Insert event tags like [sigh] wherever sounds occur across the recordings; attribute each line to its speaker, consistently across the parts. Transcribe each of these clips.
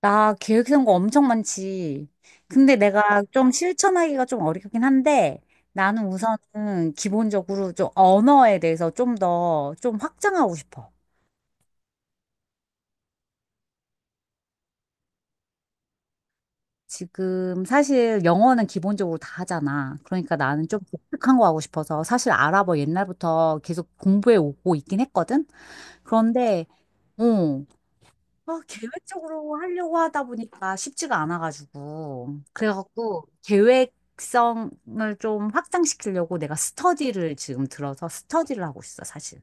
Speaker 1: 나 계획 세운 거 엄청 많지. 근데 내가 좀 실천하기가 좀 어렵긴 한데 나는 우선은 기본적으로 좀 언어에 대해서 좀 더 좀 확장하고 싶어. 지금 사실 영어는 기본적으로 다 하잖아. 그러니까 나는 좀 독특한 거 하고 싶어서 사실 아랍어 옛날부터 계속 공부해 오고 있긴 했거든. 그런데. 어. 아, 계획적으로 하려고 하다 보니까 쉽지가 않아가지고. 그래갖고 계획성을 좀 확장시키려고 내가 스터디를 지금 들어서 스터디를 하고 있어, 사실.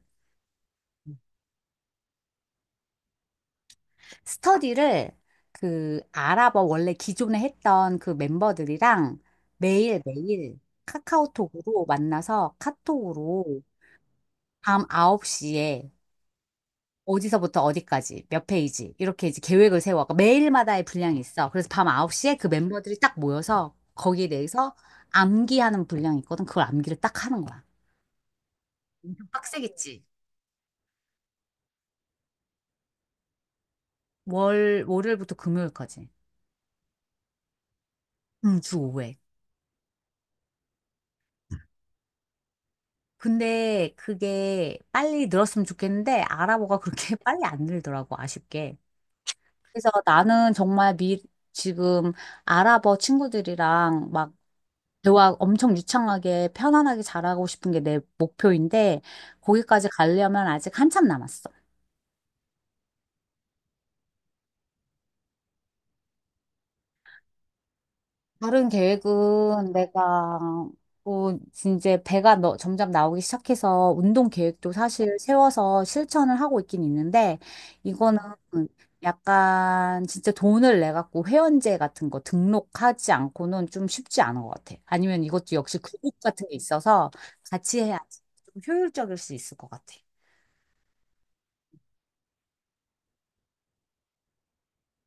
Speaker 1: 스터디를 그 아랍어 원래 기존에 했던 그 멤버들이랑 매일매일 카카오톡으로 만나서 카톡으로 밤 9시에 어디서부터 어디까지, 몇 페이지, 이렇게 이제 계획을 세워. 그러니까 매일마다의 분량이 있어. 그래서 밤 9시에 그 멤버들이 딱 모여서 거기에 대해서 암기하는 분량이 있거든. 그걸 암기를 딱 하는 거야. 엄청 빡세겠지. 월요일부터 금요일까지. 응, 주 5회. 근데 그게 빨리 늘었으면 좋겠는데, 아랍어가 그렇게 [laughs] 빨리 안 늘더라고, 아쉽게. 그래서 나는 정말 지금 아랍어 친구들이랑 막 대화 엄청 유창하게 편안하게 잘하고 싶은 게 내 목표인데 거기까지 가려면 아직 한참 남았어. 다른 계획은 내가 뭐 이제 배가 점점 나오기 시작해서 운동 계획도 사실 세워서 실천을 하고 있긴 있는데 이거는 약간 진짜 돈을 내 갖고 회원제 같은 거 등록하지 않고는 좀 쉽지 않은 것 같아. 아니면 이것도 역시 그룹 같은 게 있어서 같이 해야지 좀 효율적일 수 있을 것 같아.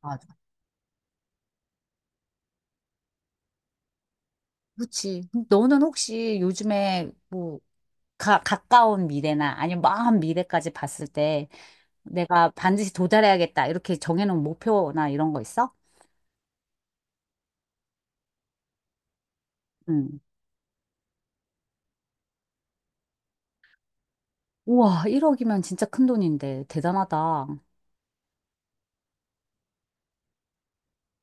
Speaker 1: 맞아. 그렇지. 너는 혹시 요즘에 뭐 가까운 미래나 아니면 먼 미래까지 봤을 때 내가 반드시 도달해야겠다. 이렇게 정해놓은 목표나 이런 거 있어? 응. 우와, 1억이면 진짜 큰 돈인데. 대단하다.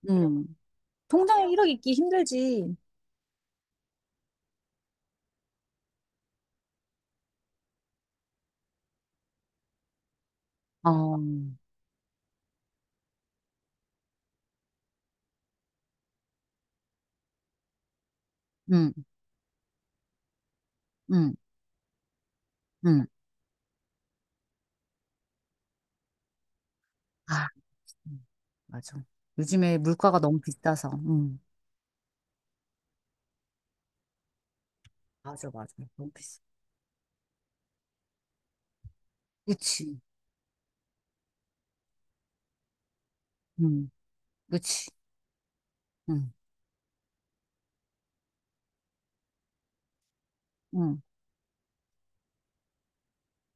Speaker 1: 응. 통장에 1억 있기 힘들지. 어, 응, 응, 응. 아. 음. 맞아. 요즘에 물가가 너무 비싸서, 응. 맞아, 맞아. 너무 비싸. 그치. 응, 그치. 응, 응,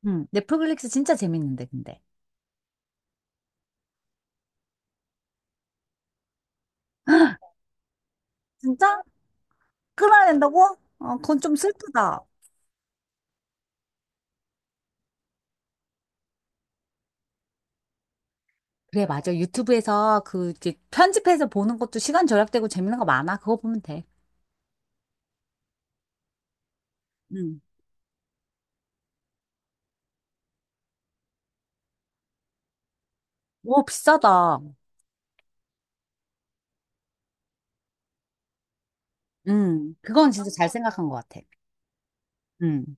Speaker 1: 응. 넷플릭스 진짜 재밌는데, 근데. [gasps] 진짜? 끊어야 된다고? 어, 그건 좀 슬프다. 그래, 맞아. 유튜브에서 그 이제 편집해서 보는 것도 시간 절약되고 재밌는 거 많아. 그거 보면 돼. 음. 오, 비싸다. 그건 진짜 잘 생각한 것 같아. 음,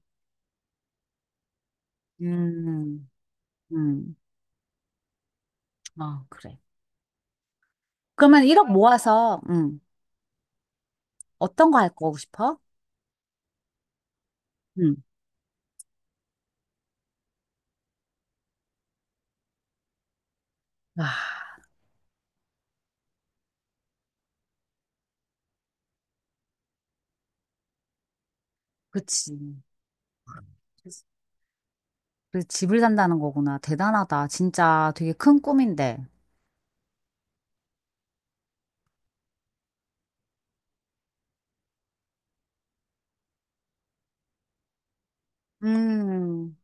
Speaker 1: 음, 음. 아, 그래. 그러면 1억 모아서, 어떤 거 할 거고 싶어? 음. 와. 그치. 그 집을 산다는 거구나. 대단하다. 진짜 되게 큰 꿈인데. 음.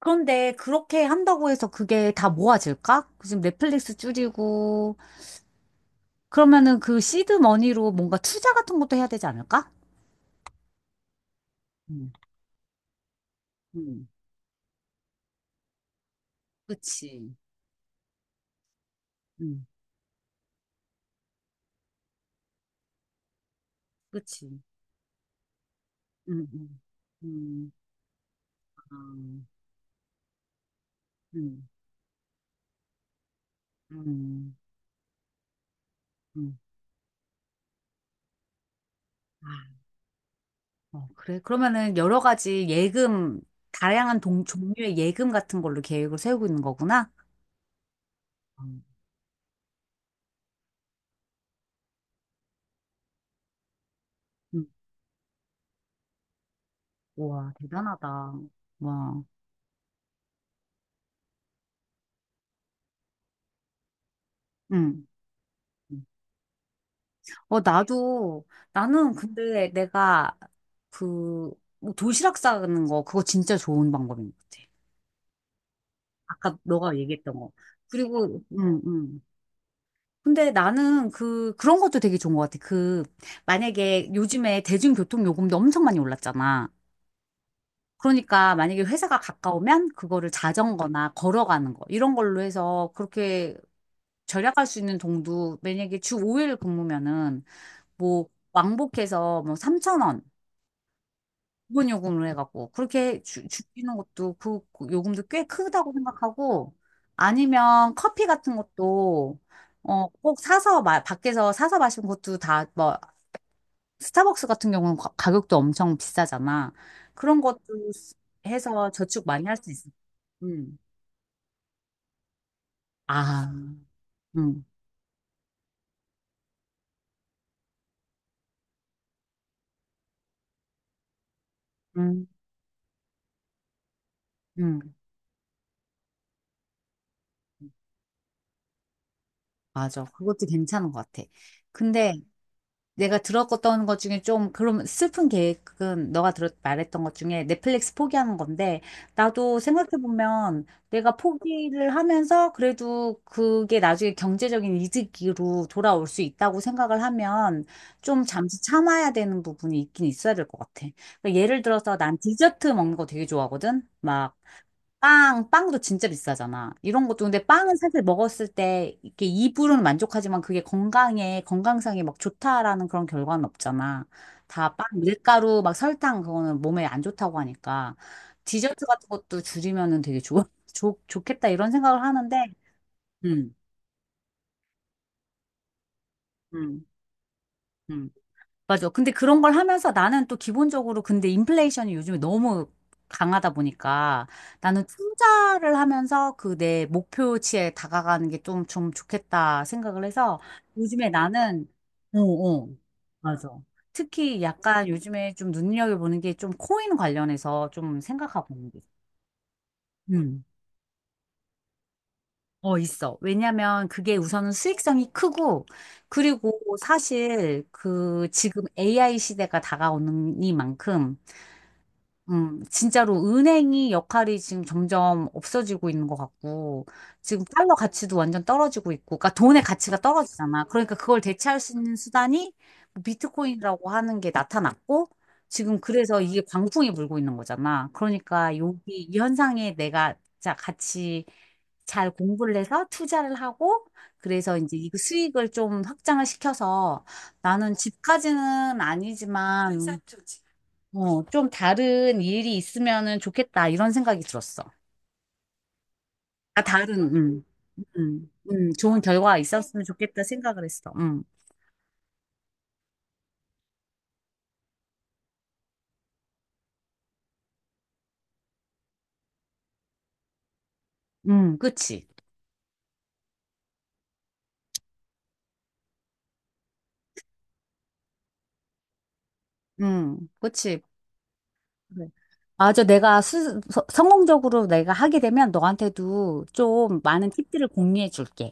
Speaker 1: 그런데 그렇게 한다고 해서 그게 다 모아질까? 지금 넷플릭스 줄이고, 그러면은 그 시드 머니로 뭔가 투자 같은 것도 해야 되지 않을까? 음, 음, 그치. 음, 그치. 음, 음, 음. 아, 음, 음, 음. 아, 어, 그래. 그러면은 여러 가지 예금, 다양한 종류의 예금 같은 걸로 계획을 세우고 있는 거구나. 음, 음. 우와, 대단하다. 와. 음. 음. 어, 나도, 나는 근데 내가 그, 뭐 도시락 싸는 거, 그거 진짜 좋은 방법인 것 같아. 아까 너가 얘기했던 거. 그리고, 음, 음. 근데 나는 그, 그런 것도 되게 좋은 것 같아. 그, 만약에 요즘에 대중교통 요금도 엄청 많이 올랐잖아. 그러니까 만약에 회사가 가까우면 그거를 자전거나 걸어가는 거, 이런 걸로 해서 그렇게 절약할 수 있는 돈도 만약에 주 5일 근무면은 뭐 왕복해서 뭐 3천 원 기본 요금을 해갖고 그렇게 주시는 것도 그, 그 요금도 꽤 크다고 생각하고 아니면 커피 같은 것도 어, 꼭 사서 밖에서 사서 마시는 것도 다 뭐 스타벅스 같은 경우는 가격도 엄청 비싸잖아. 그런 것도 해서 저축 많이 할 수 있어. 음. 아, 음, 음, 음. 맞아. 그것도 괜찮은 것 같아. 근데 내가 들었던 것 중에 좀 그럼 슬픈 계획은 너가 들었 말했던 것 중에 넷플릭스 포기하는 건데 나도 생각해 보면 내가 포기를 하면서 그래도 그게 나중에 경제적인 이득으로 돌아올 수 있다고 생각을 하면 좀 잠시 참아야 되는 부분이 있긴 있어야 될 것 같아. 그러니까 예를 들어서 난 디저트 먹는 거 되게 좋아하거든. 막 빵도 진짜 비싸잖아. 이런 것도 근데 빵은 사실 먹었을 때 이렇게 입으로는 만족하지만 그게 건강에 건강상에 막 좋다라는 그런 결과는 없잖아. 다 빵, 밀가루, 막 설탕 그거는 몸에 안 좋다고 하니까 디저트 같은 것도 줄이면은 되게 [laughs] 좋겠다 이런 생각을 하는데, 음, 음, 음. 맞아. 근데 그런 걸 하면서 나는 또 기본적으로 근데 인플레이션이 요즘에 너무 강하다 보니까 나는 투자를 하면서 그 내 목표치에 다가가는 게 좀 좋겠다 생각을 해서 요즘에 나는, 어, 어, 맞아. 특히 약간 요즘에 좀 눈여겨보는 게 좀 코인 관련해서 좀 생각하고 있는 게 있어. 음. 어, 있어. 왜냐면 그게 우선은 수익성이 크고, 그리고 사실 그 지금 AI 시대가 다가오는 이만큼 진짜로 은행이 역할이 지금 점점 없어지고 있는 것 같고, 지금 달러 가치도 완전 떨어지고 있고, 그러니까 돈의 가치가 떨어지잖아. 그러니까 그걸 대체할 수 있는 수단이 뭐 비트코인이라고 하는 게 나타났고, 지금 그래서 이게 광풍이 불고 있는 거잖아. 그러니까 여기 이 현상에 내가 같이 잘 공부를 해서 투자를 하고, 그래서 이제 이 수익을 좀 확장을 시켜서 나는 집까지는 아니지만, 어, 좀 다른 일이 있으면은 좋겠다, 이런 생각이 들었어. 아, 좋은 결과가 있었으면 좋겠다 생각을 했어. 그치. 그치. 그래. 맞아. 내가 성공적으로 내가 하게 되면 너한테도 좀 많은 팁들을 공유해 줄게.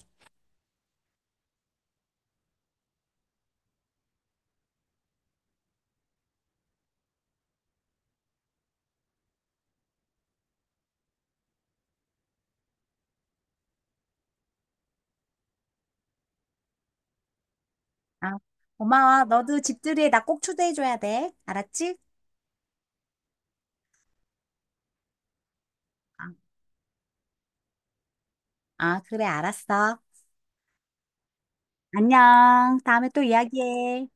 Speaker 1: 아, 고마워. 너도 집들이에 나 꼭 초대해줘야 돼. 알았지? 아, 아, 그래, 알았어. 안녕. 다음에 또 이야기해.